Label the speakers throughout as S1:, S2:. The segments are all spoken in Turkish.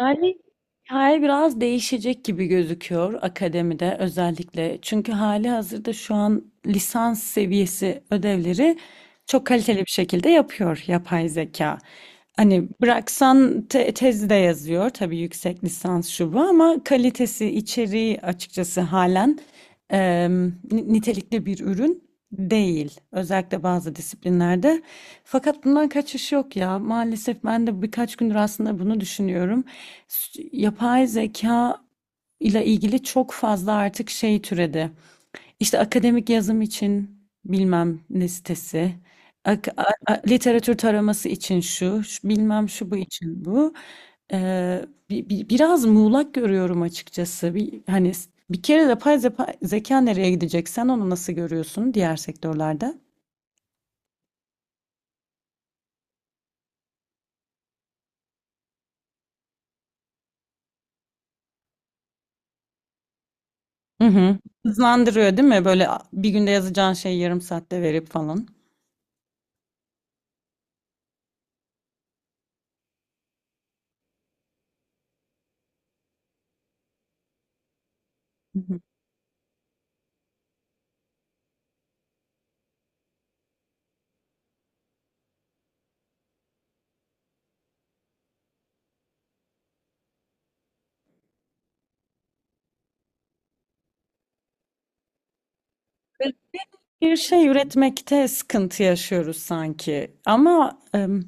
S1: Yani hikaye biraz değişecek gibi gözüküyor akademide özellikle. Çünkü hali hazırda şu an lisans seviyesi ödevleri çok kaliteli bir şekilde yapıyor yapay zeka. Hani bıraksan tezi de yazıyor tabii yüksek lisans şu bu ama kalitesi, içeriği açıkçası halen nitelikli bir ürün değil. Özellikle bazı disiplinlerde. Fakat bundan kaçış yok ya. Maalesef ben de birkaç gündür aslında bunu düşünüyorum yapay zeka ile ilgili çok fazla artık şey türedi. İşte akademik yazım için bilmem ne sitesi, literatür taraması için şu, bilmem şu bu için bu. Ee, biraz muğlak görüyorum açıkçası. Bir, hani bir kere zeka nereye gidecek? Sen onu nasıl görüyorsun diğer sektörlerde? Hı hı. Hızlandırıyor değil mi? Böyle bir günde yazacağın şeyi yarım saatte verip falan. Bir şey üretmekte sıkıntı yaşıyoruz sanki. Ama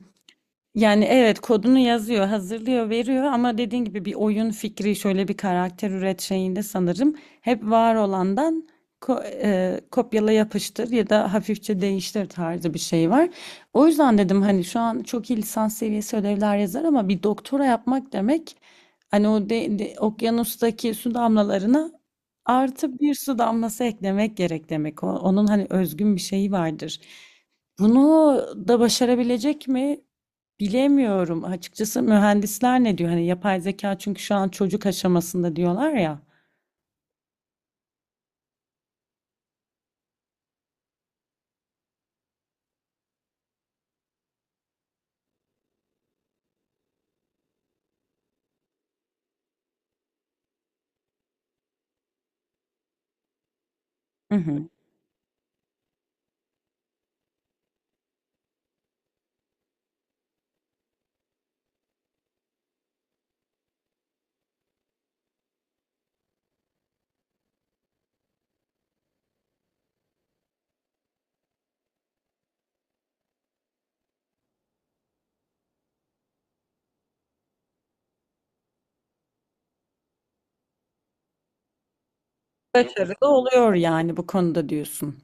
S1: yani evet kodunu yazıyor, hazırlıyor, veriyor ama dediğin gibi bir oyun fikri, şöyle bir karakter üret şeyinde sanırım hep var olandan kopyala yapıştır ya da hafifçe değiştir tarzı bir şey var. O yüzden dedim hani şu an çok iyi lisans seviyesi ödevler yazar ama bir doktora yapmak demek hani o okyanustaki su damlalarına artı bir su damlası eklemek gerek demek. Onun hani özgün bir şeyi vardır. Bunu da başarabilecek mi? Bilemiyorum açıkçası mühendisler ne diyor? Hani yapay zeka çünkü şu an çocuk aşamasında diyorlar ya. Hı hı. Başarılı oluyor yani bu konuda diyorsun.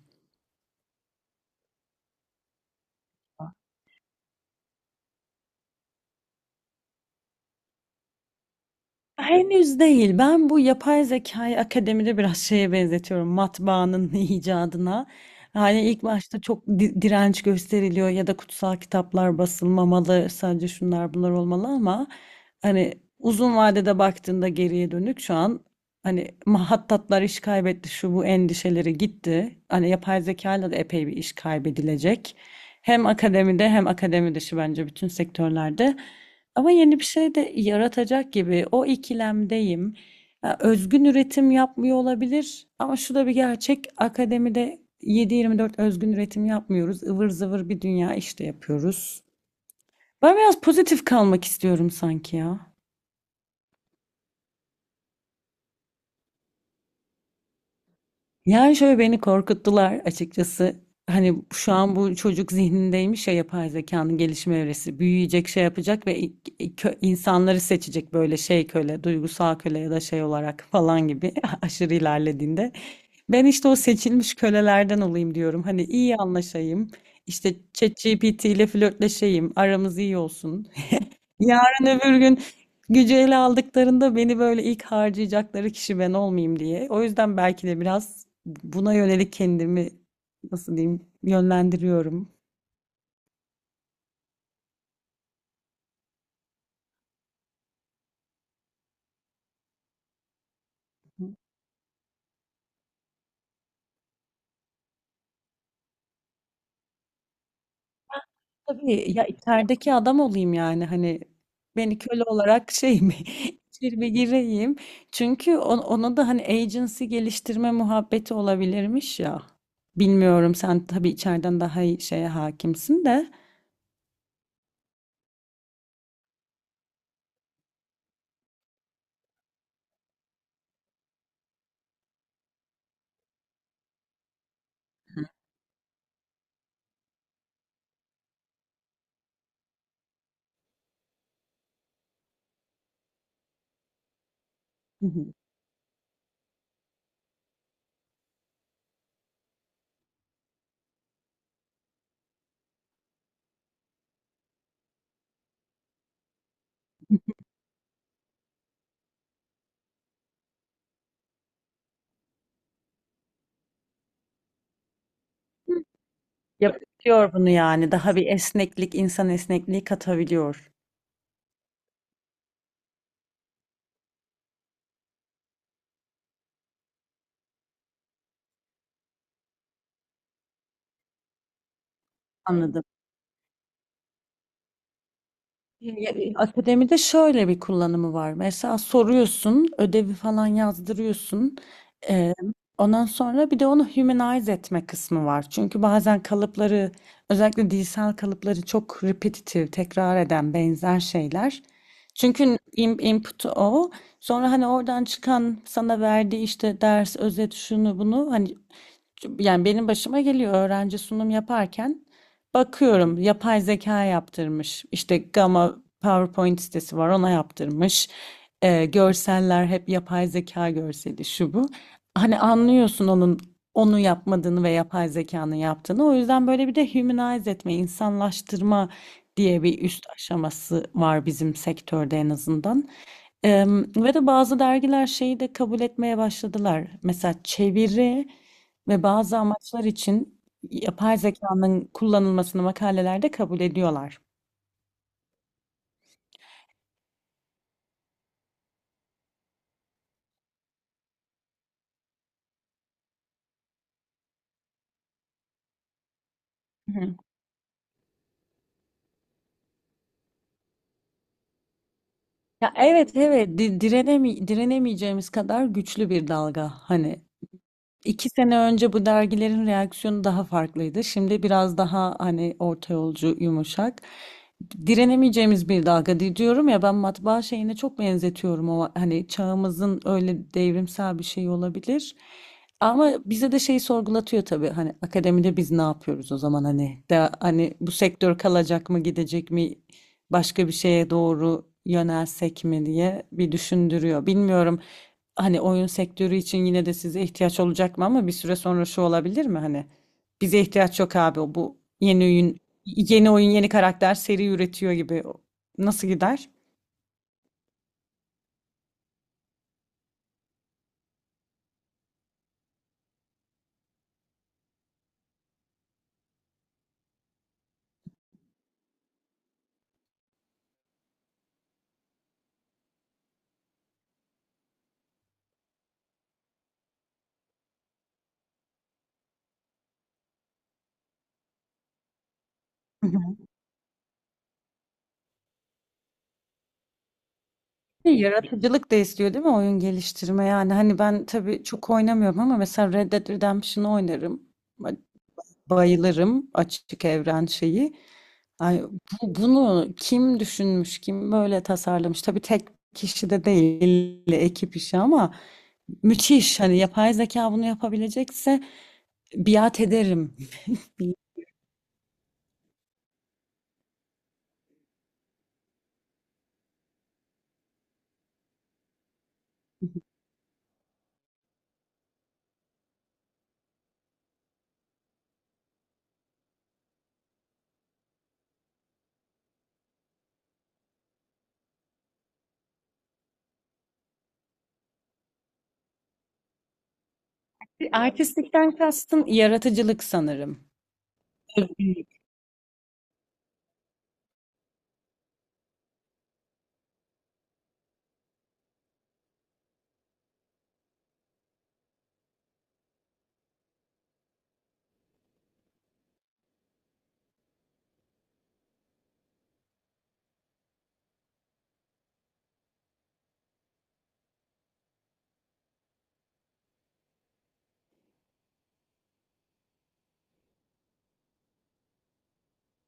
S1: Henüz değil. Ben bu yapay zekayı akademide biraz şeye benzetiyorum. Matbaanın icadına. Hani ilk başta çok direnç gösteriliyor ya da kutsal kitaplar basılmamalı, sadece şunlar bunlar olmalı ama hani uzun vadede baktığında geriye dönük şu an hani mahattatlar iş kaybetti, şu bu endişeleri gitti. Hani yapay zekayla da epey bir iş kaybedilecek. Hem akademide hem akademi dışı bence bütün sektörlerde. Ama yeni bir şey de yaratacak gibi o ikilemdeyim. Ya, özgün üretim yapmıyor olabilir ama şu da bir gerçek, akademide 7-24 özgün üretim yapmıyoruz. Ivır zıvır bir dünya işte yapıyoruz. Ben biraz pozitif kalmak istiyorum sanki ya. Yani şöyle beni korkuttular açıkçası. Hani şu an bu çocuk zihnindeymiş ya yapay zekanın gelişme evresi. Büyüyecek, şey yapacak ve insanları seçecek böyle şey köle, duygusal köle ya da şey olarak falan gibi aşırı ilerlediğinde. Ben işte o seçilmiş kölelerden olayım diyorum. Hani iyi anlaşayım, işte ChatGPT ile flörtleşeyim. Aramız iyi olsun. Yarın öbür gün gücü ele aldıklarında beni böyle ilk harcayacakları kişi ben olmayayım diye. O yüzden belki de biraz buna yönelik kendimi nasıl diyeyim yönlendiriyorum. Tabii ya içerideki adam olayım yani hani beni köle olarak şey mi içeri bir gireyim. Çünkü ona da hani agency geliştirme muhabbeti olabilirmiş ya. Bilmiyorum sen tabii içeriden daha iyi şeye hakimsin de. Hı hı. Yapıyor bunu yani. Daha bir esneklik, insan esnekliği katabiliyor. Anladım. Ya, akademide şöyle bir kullanımı var. Mesela soruyorsun, ödevi falan yazdırıyorsun. Ee, ondan sonra bir de onu humanize etme kısmı var. Çünkü bazen kalıpları, özellikle dilsel kalıpları çok repetitif, tekrar eden benzer şeyler. Çünkü input'u o. Sonra hani oradan çıkan sana verdiği işte ders, özet, şunu bunu hani yani benim başıma geliyor öğrenci sunum yaparken bakıyorum yapay zeka yaptırmış. İşte Gamma PowerPoint sitesi var, ona yaptırmış. Görseller hep yapay zeka görseli şu bu. Hani anlıyorsun onu yapmadığını ve yapay zekanın yaptığını. O yüzden böyle bir de humanize etme, insanlaştırma diye bir üst aşaması var bizim sektörde en azından. Ve de bazı dergiler şeyi de kabul etmeye başladılar. Mesela çeviri ve bazı amaçlar için yapay zekanın kullanılmasını makalelerde kabul ediyorlar. Hı. Ya, evet evet, di- direnemi direnemeyeceğimiz kadar güçlü bir dalga hani. 2 sene önce bu dergilerin reaksiyonu daha farklıydı. Şimdi biraz daha hani orta yolcu, yumuşak. Direnemeyeceğimiz bir dalga diyorum ya, ben matbaa şeyine çok benzetiyorum, o hani çağımızın öyle devrimsel bir şey olabilir. Ama bize de şeyi sorgulatıyor tabii hani akademide biz ne yapıyoruz o zaman hani hani bu sektör kalacak mı gidecek mi, başka bir şeye doğru yönelsek mi diye bir düşündürüyor. Bilmiyorum hani oyun sektörü için yine de size ihtiyaç olacak mı, ama bir süre sonra şu olabilir mi hani bize ihtiyaç yok abi, o bu yeni oyun, yeni karakter seri üretiyor gibi nasıl gider? Hı hı. Yaratıcılık da istiyor değil mi oyun geliştirme, yani hani ben tabii çok oynamıyorum ama mesela Red Dead Redemption'ı oynarım. Bayılırım açık evren şeyi. Ay, bunu kim düşünmüş, kim böyle tasarlamış? Tabii tek kişi de değil, ekip işi ama müthiş. Hani yapay zeka bunu yapabilecekse biat ederim. Artistlikten kastın yaratıcılık sanırım. Tabii.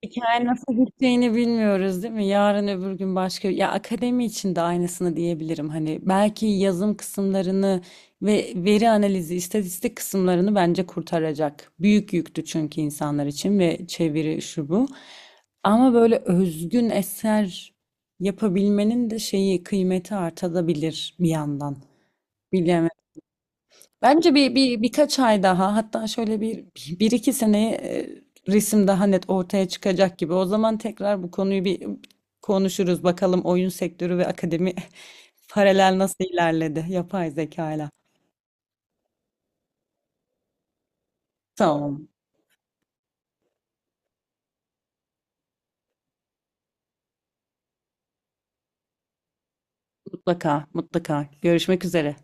S1: Hikaye nasıl biteceğini bilmiyoruz değil mi? Yarın öbür gün başka... Ya akademi için de aynısını diyebilirim. Hani belki yazım kısımlarını ve veri analizi, istatistik kısımlarını bence kurtaracak. Büyük yüktü çünkü insanlar için, ve çeviri şu bu. Ama böyle özgün eser yapabilmenin de şeyi kıymeti artabilir bir yandan. Bilemedim. Bence bir birkaç ay daha, hatta şöyle bir, bir iki seneye resim daha net ortaya çıkacak gibi. O zaman tekrar bu konuyu bir konuşuruz. Bakalım oyun sektörü ve akademi paralel nasıl ilerledi yapay zeka ile. Tamam, mutlaka mutlaka. Görüşmek üzere.